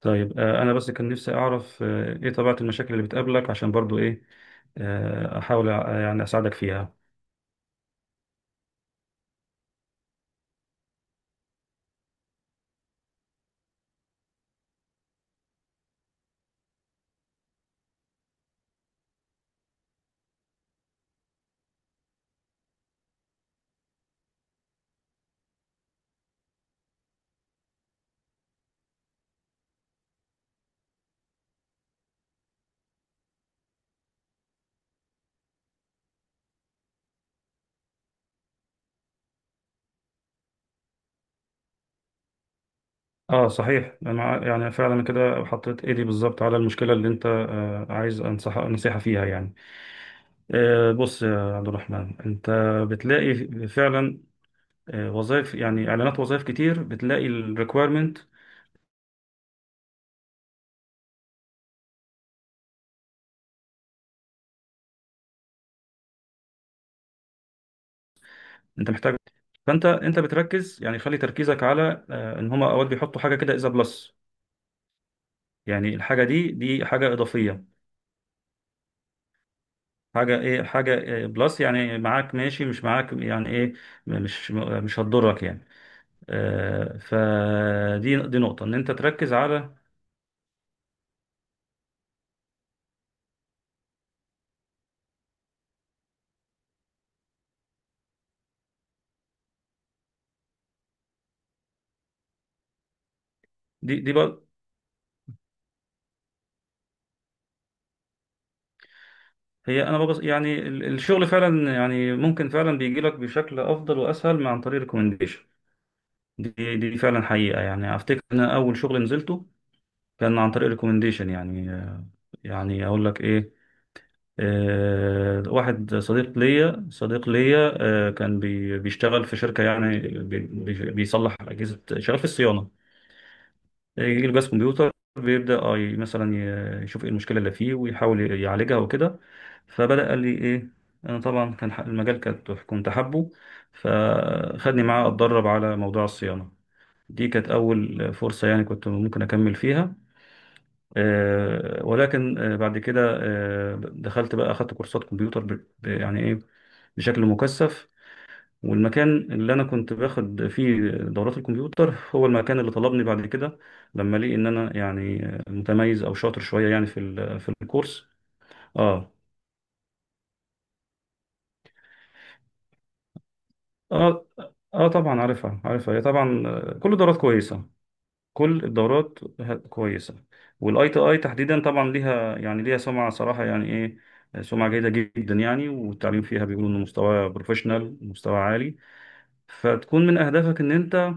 طيب، انا بس كان نفسي اعرف ايه طبيعة المشاكل اللي بتقابلك عشان برضو ايه، احاول يعني اساعدك فيها. اه، صحيح، انا يعني فعلا كده حطيت ايدي بالظبط على المشكلة اللي انت عايز انصح نصيحة فيها يعني. بص يا عبد الرحمن، انت بتلاقي فعلا وظائف، يعني اعلانات وظائف كتير، بتلاقي الريكويرمنت انت محتاج. فانت بتركز، يعني خلي تركيزك على ان هما اوقات بيحطوا حاجة كده، اذا بلس، يعني الحاجة دي حاجة إضافية. حاجة ايه؟ حاجة إيه بلس؟ يعني معاك ماشي، مش معاك يعني ايه؟ مش هتضرك يعني. آه، فدي نقطة ان انت تركز على. دي بقى. هي انا ببص يعني الشغل فعلا، يعني ممكن فعلا بيجي لك بشكل افضل واسهل من عن طريق ريكومنديشن. دي فعلا حقيقة. يعني افتكر ان أنا اول شغل نزلته كان عن طريق ريكومنديشن، يعني يعني اقول لك ايه، واحد صديق ليا صديق ليا كان بيشتغل في شركة، يعني بيصلح أجهزة، شغال في الصيانة. يجي له جهاز كمبيوتر، بيبدأ مثلا يشوف ايه المشكلة اللي فيه ويحاول يعالجها وكده. فبدأ قال لي ايه، انا طبعا كان المجال كنت حابه، فخدني معاه اتدرب على موضوع الصيانة. دي كانت أول فرصة، يعني كنت ممكن أكمل فيها. ولكن بعد كده دخلت بقى، أخدت كورسات كمبيوتر يعني إيه، بشكل مكثف. والمكان اللي أنا كنت باخد فيه دورات الكمبيوتر هو المكان اللي طلبني بعد كده، لما لقي إن أنا يعني متميز أو شاطر شوية يعني في في الكورس. آه آه طبعا عارفها عارفها، هي طبعا، كل الدورات كويسة، كل الدورات كويسة. والاي تي اي تحديدا طبعا ليها، يعني ليها سمعة صراحة يعني ايه، سمعة جيدة جدا، يعني والتعليم فيها بيقولوا انه مستوى بروفيشنال، مستوى عالي. فتكون من اهدافك ان انت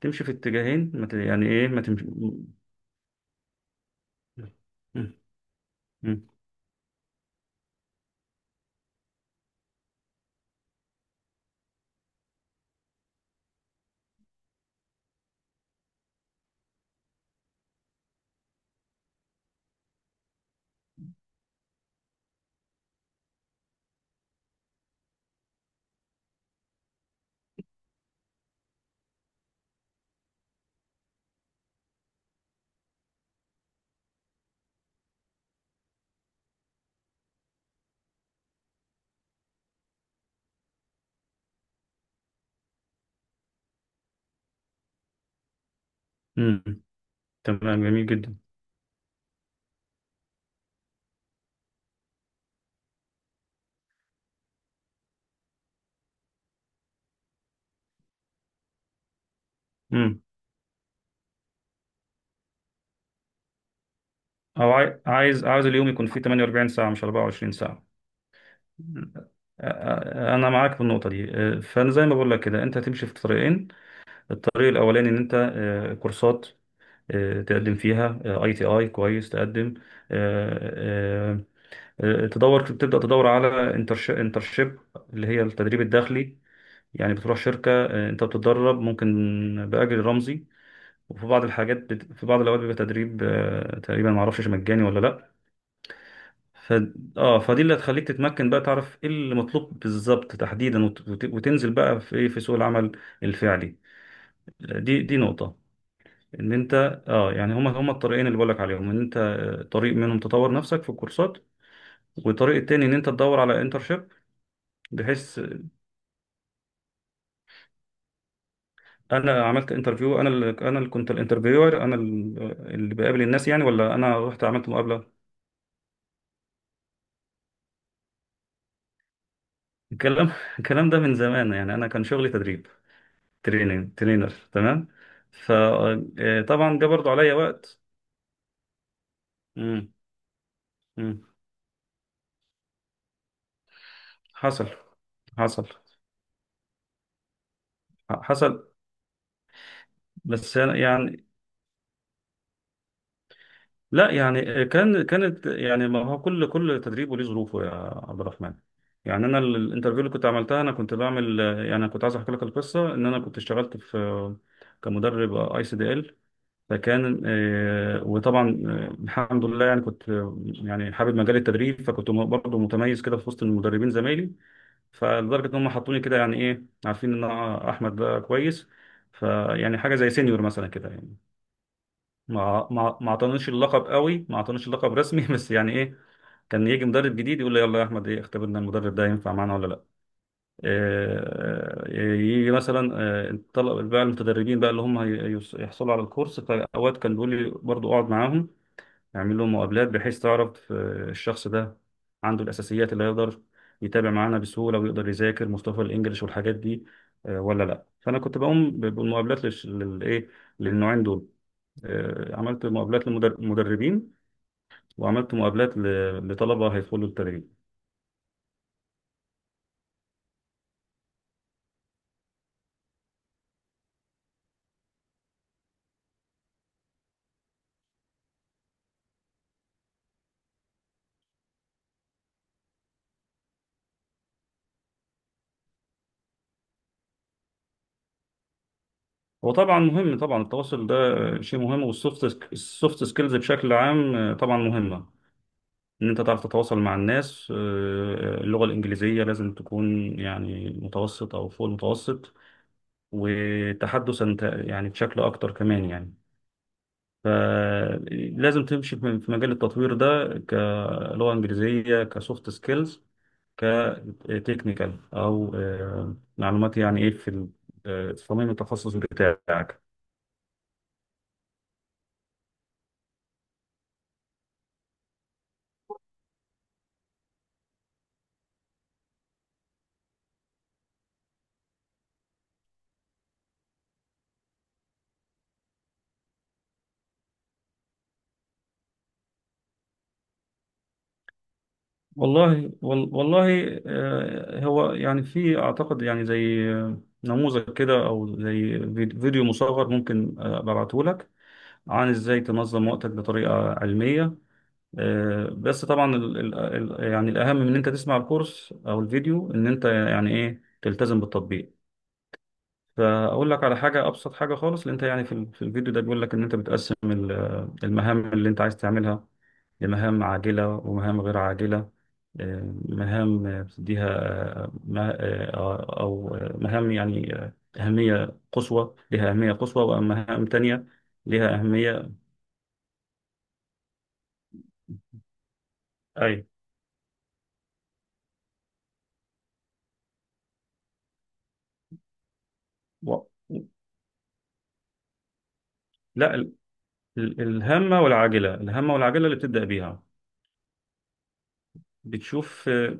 تمشي في اتجاهين، ما ت- يعني ايه، ما تمشي. مم. مم. مم. تمام، جميل جدا. مم. او عايز اليوم يكون فيه 48 ساعة مش 24 ساعة. أ- أ- انا معاك في النقطة دي، أ، فانا زي ما بقول لك كده انت هتمشي في طريقين. الطريق الاولاني ان انت كورسات تقدم فيها اي تي اي كويس، تقدم آه، آه، تدور، تبدا تدور على انترشيب، اللي هي التدريب الداخلي. يعني بتروح شركه، انت بتتدرب، ممكن باجر رمزي، وفي بعض في بعض الاوقات بيبقى تدريب تقريبا ما اعرفش مجاني ولا لا. ف... اه، فدي اللي هتخليك تتمكن بقى تعرف ايه اللي مطلوب بالظبط تحديدا وتنزل بقى في ايه، في سوق العمل الفعلي. دي نقطة ان انت، اه يعني هما الطريقين اللي بقولك عليهم، ان انت طريق منهم تطور نفسك في الكورسات، والطريق التاني ان انت تدور على انترشيب، بحيث، انا عملت انترفيو، انا اللي كنت الانترفيور، انا ال- آه، اللي بقابل الناس يعني، ولا انا رحت عملت مقابلة؟ الكلام الكلام ده من زمان، يعني انا كان شغلي تدريب، تريننج، ترينر، تمام. فطبعا ده برضو عليا وقت. امم. حصل، حصل، حصل. بس يعني لا، يعني كان كانت، يعني ما هو كل تدريب وليه ظروفه، يا عبد الرحمن. يعني انا الانترفيو اللي كنت عملتها، انا كنت بعمل يعني أنا كنت عايز احكي لك القصه، ان انا كنت اشتغلت في كمدرب اي سي دي ال. فكان وطبعا الحمد لله، يعني كنت يعني حابب مجال التدريب، فكنت برضه متميز كده في وسط المدربين زمايلي، فلدرجه ان هم حطوني كده يعني ايه، عارفين ان أنا احمد ده كويس، فيعني حاجه زي سينيور مثلا كده يعني. ما اعطانيش اللقب قوي، ما اعطانيش اللقب رسمي بس يعني ايه، كان يجي مدرب جديد يقول لي يلا يا احمد ايه، اختبرنا المدرب ده ينفع معانا ولا لا. يجي مثلا طلب بقى المتدربين بقى اللي هم يحصلوا على الكورس، فاوقات كان بيقول لي برضو اقعد معاهم نعمل له مقابلات، بحيث تعرف الشخص ده عنده الأساسيات اللي يقدر يتابع معانا بسهولة، ويقدر يذاكر مصطلح الإنجليش والحاجات دي ولا لأ. فأنا كنت بقوم بالمقابلات للإيه، للنوعين دول. عملت مقابلات للمدربين، وعملت مقابلات لطلبة هيدخلوا التدريب. هو طبعا مهم طبعا التواصل ده، شيء مهم. والسوفت، السوفت سكيلز بشكل عام طبعا مهمة، ان انت تعرف تتواصل مع الناس. اللغة الإنجليزية لازم تكون يعني متوسط او فوق المتوسط، وتحدثا يعني بشكل اكتر كمان يعني. فلازم تمشي في مجال التطوير ده، كلغة إنجليزية، كسوفت سكيلز، كتكنيكال، او معلومات يعني ايه في في تصميم التخصص بتاعك. والله والله هو يعني في اعتقد يعني زي نموذج كده، او زي فيديو مصغر ممكن ابعته لك، عن ازاي تنظم وقتك بطريقة علمية. بس طبعا يعني الاهم من ان انت تسمع الكورس او الفيديو، ان انت يعني ايه تلتزم بالتطبيق. فاقول لك على حاجة، ابسط حاجة خالص اللي انت يعني في في الفيديو ده بيقول لك، ان انت بتقسم المهام اللي انت عايز تعملها لمهام عاجلة ومهام غير عاجلة. مهام بتديها آه، ما- أو مهام يعني أهمية قصوى، لها أهمية قصوى، ومهام تانية لها أهمية. أي. و... لا، الهامة والعاجلة، الهامة والعاجلة اللي بتبدأ بيها، بتشوف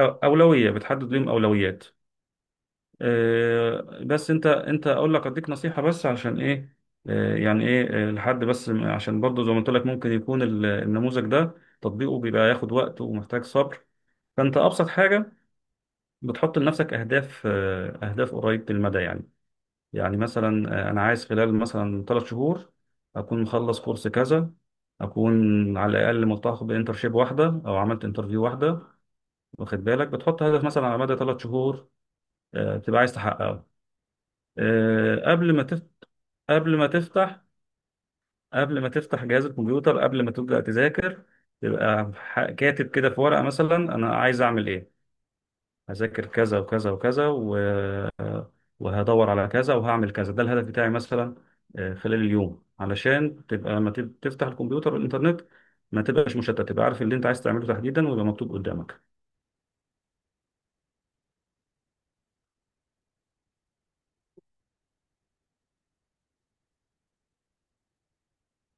أولوية، بتحدد لهم أولويات. بس انت اقول لك، اديك نصيحة بس عشان ايه، يعني ايه لحد بس عشان برضه زي ما قلت لك، ممكن يكون النموذج ده تطبيقه بيبقى ياخد وقت ومحتاج صبر. فانت ابسط حاجة بتحط لنفسك اهداف، اهداف قريبة المدى يعني، يعني مثلا انا عايز خلال مثلا 3 شهور اكون مخلص كورس كذا، اكون على الاقل ملتحق بانترشيب واحده، او عملت انترفيو واحده. واخد بالك بتحط هدف مثلا على مدى 3 شهور بتبقى عايز تحققه. آه، قبل ما تفتح قبل ما تفتح قبل ما تفتح جهاز الكمبيوتر، قبل ما تبدأ تذاكر، تبقى كاتب كده في ورقة مثلا أنا عايز أعمل إيه، هذاكر كذا وكذا وكذا وهدور على كذا وهعمل كذا، ده الهدف بتاعي مثلا خلال اليوم، علشان تبقى لما تفتح الكمبيوتر والإنترنت ما تبقاش مشتت، تبقى عارف اللي أنت عايز تعمله تحديدا ويبقى مكتوب قدامك.